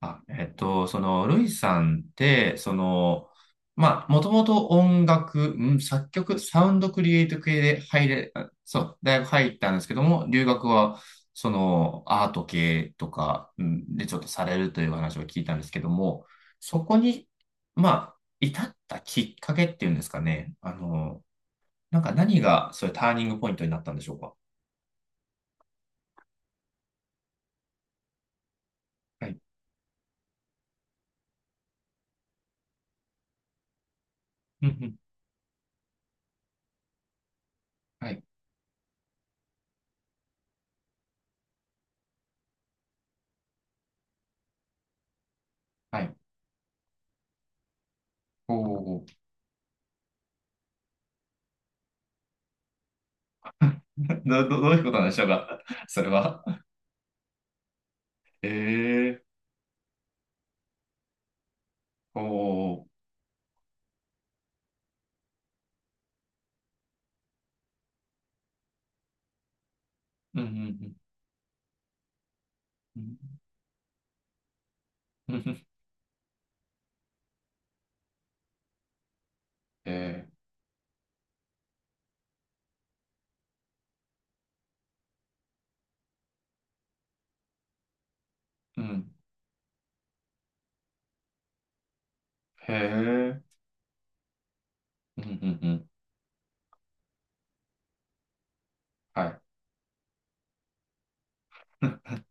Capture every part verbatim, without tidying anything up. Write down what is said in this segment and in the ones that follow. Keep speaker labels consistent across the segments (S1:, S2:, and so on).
S1: あ、えっと、その、ルイさんって、その、まあ、もともと音楽、ん作曲、サウンドクリエイト系で入れ、あそう、大学入ったんですけども、留学は、その、アート系とか、んでちょっとされるという話を聞いたんですけども、そこに、まあ、至ったきっかけっていうんですかね、あの、なんか何が、そういうターニングポイントになったんでしょうか。はい。うんうん。はい。はい。おお。ど、どどういうことなんでしょうか、それは。ええー、おー、うんうんうんうんうんえーうんへえ、うんうんうんはい、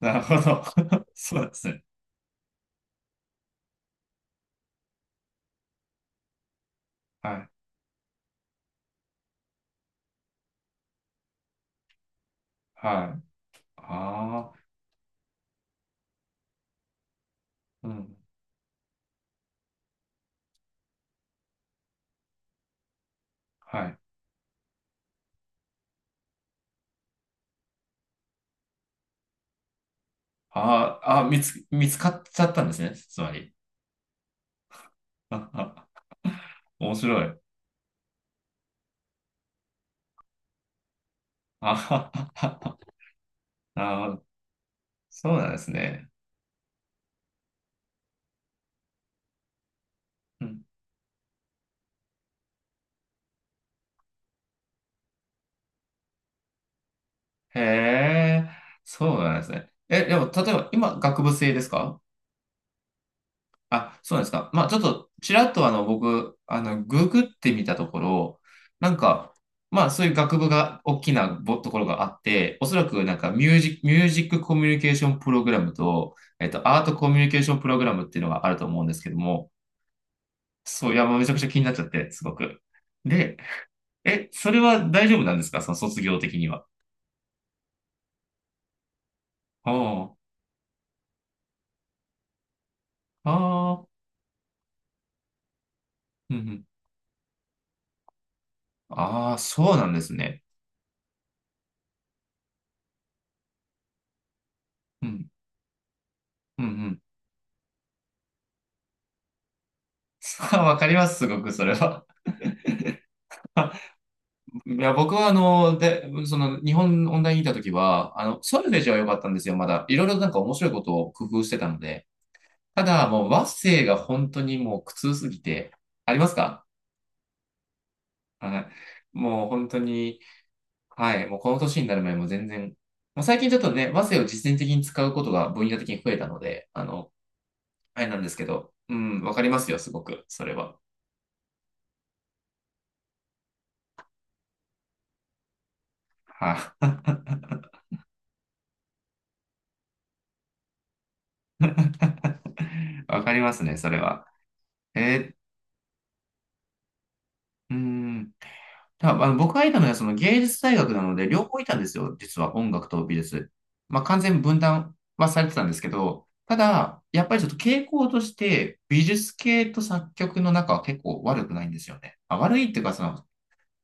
S1: なるほど。そうですね。はい、はい、ああうん。はい、あーあー、見つ、見つかっちゃったんですね。つまり。面白い。あ なるほど。そうなんですね。うんへえ、そうなんですね。え、でも、例えば、今、学部生ですか？あ、そうなんですか。まあ、ちょっと、ちらっとあの、僕、あの、ググってみたところ、なんか、まあ、そういう学部が大きなぼところがあって、おそらくなんかミュージ、ミュージックコミュニケーションプログラムと、えっと、アートコミュニケーションプログラムっていうのがあると思うんですけども、そう、いや、もうめちゃくちゃ気になっちゃって、すごく。で、え、それは大丈夫なんですか、その卒業的には？ああ、ああ、うんうん。ああ、そうなんですね。うん、うん、うん。さあ、わかります、すごく、それは。いや、僕はあの、で、その、日本オンラインにいたときは、あの、ソルフージは良かったんですよ、まだ。いろいろなんか面白いことを工夫してたので。ただ、もう和声が本当にもう苦痛すぎて、ありますか？はい。もう本当に、はい、もうこの年になる前も全然、まあ、最近ちょっとね、和声を実践的に使うことが分野的に増えたので、あの、あれなんですけど、うん、わかりますよ、すごく、それは。はい。わかりますね、それは。えー、うん。たあの僕がいたのはその芸術大学なので、両方いたんですよ、実は音楽と美術。まあ、完全に分断はされてたんですけど、ただ、やっぱりちょっと傾向として、美術系と作曲の中は結構悪くないんですよね。まあ、悪いっていうか、その、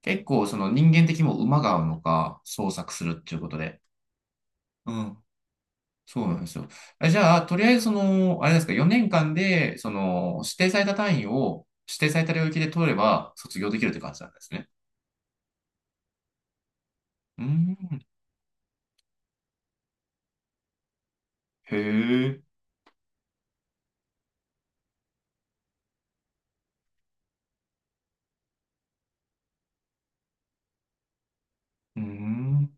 S1: 結構その人間的にも馬が合うのか、創作するっていうことで。うん。そうなんですよ。えじゃあ、とりあえずその、あれですか、よねんかんで、その、指定された単位を、指定された領域で取れば、卒業できるって感じなんですね。うん。へえ。うーん。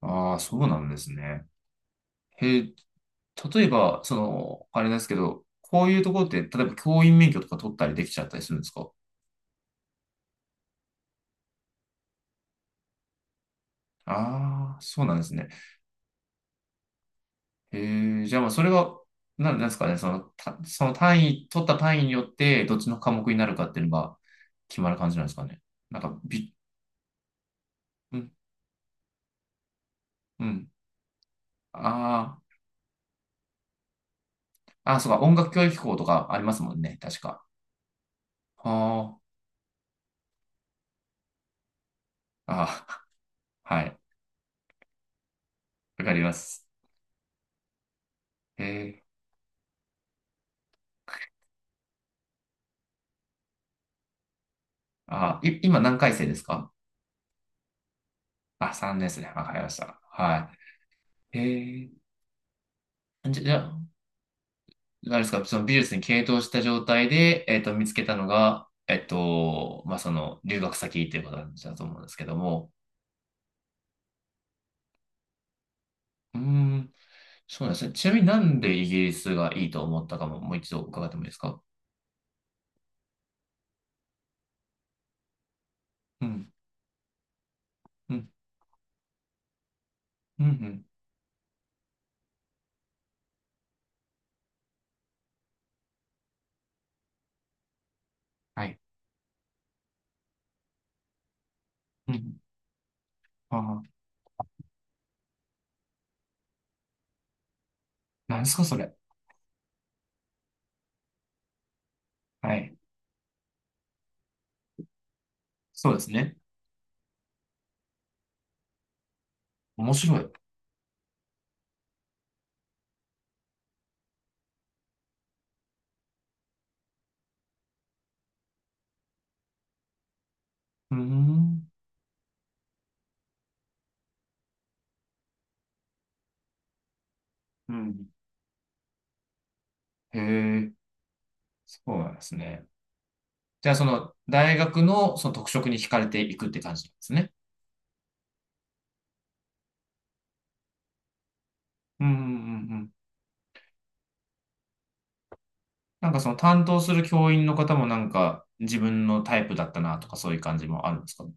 S1: ああ、そうなんですね。へえ、例えば、その、あれですけど、こういうところって、例えば教員免許とか取ったりできちゃったりするんですか？ああ、そうなんですね。へえ、じゃあまあ、それは、なんなんですかね、その、た、その単位、取った単位によって、どっちの科目になるかっていうのが決まる感じなんですかね。なんか、び、うん、うん。ああ、あ、そうか、音楽教育校とかありますもんね、確か。はあ、ああ、はい、わかります。へえあ、い、今何回生ですか？あ、さんねんですね。わかりました。はい。えー、じゃ、じゃあ、何ですか、その美術に傾倒した状態で、えっと、見つけたのが、えっと、まあ、その、留学先っていうことなんだと思うんですけども。うーん、そうなんですね。ちなみになんでイギリスがいいと思ったかも、もう一度伺ってもいいですか？うん、うん、うん、うん。はい。うん。ああ、何ですか、それ。はい。そうですね。面白い。うーん。うん。へえ、そうなんですね。じゃあ、その、大学のその特色に惹かれていくって感じなんですね。うんうんうんうん。なんかその担当する教員の方もなんか自分のタイプだったなとかそういう感じもあるんですかね。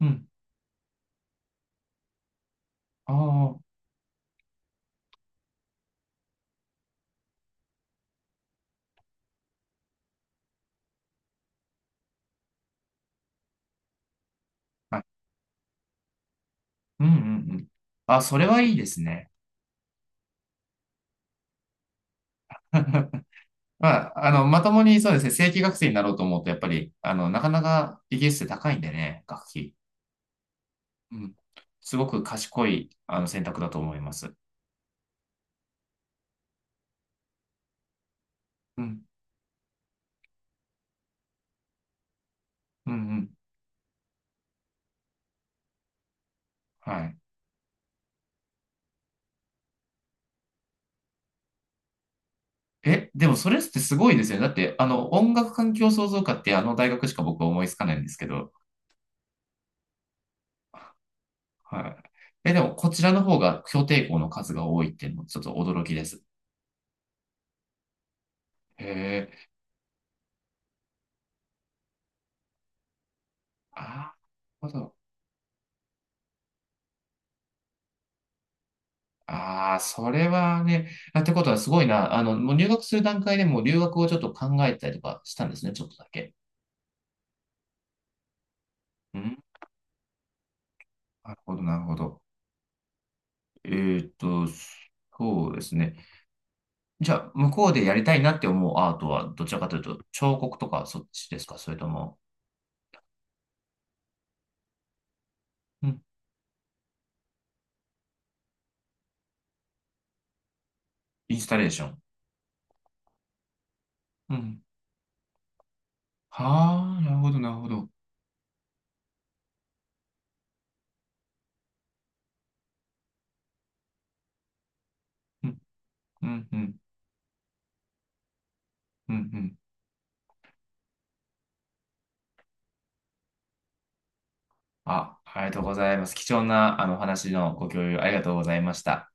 S1: うん。ああ、はい。うんうんうん。あ、それはいいですね。まあ、あの、まともにそうですね、正規学生になろうと思うと、やっぱり、あの、なかなかイギリスって高いんでね、学費。うん。すごく賢い、あの、選択だと思います。うん。うんうん。はい。え、でもそれってすごいですよね。だって、あの、音楽環境創造科ってあの大学しか僕は思いつかないんですけど。はい。え、でもこちらの方が評定校の数が多いっていうのもちょっと驚きです。へえ。ああ、なるほど。ああ、それはね。あってことはすごいな。あの、もう入学する段階でもう留学をちょっと考えたりとかしたんですね。ちょっとだけ。うん。なるほど、なるほど。えーっと、そうですね。じゃあ、向こうでやりたいなって思うアートは、どちらかというと、彫刻とかそっちですか、それとも、うん、インスタレーション。うん。はあ、なるほど、なるほど。うん、うん、うん、うん、うん。あ、ありがとうございます。貴重なあのお話のご共有ありがとうございました。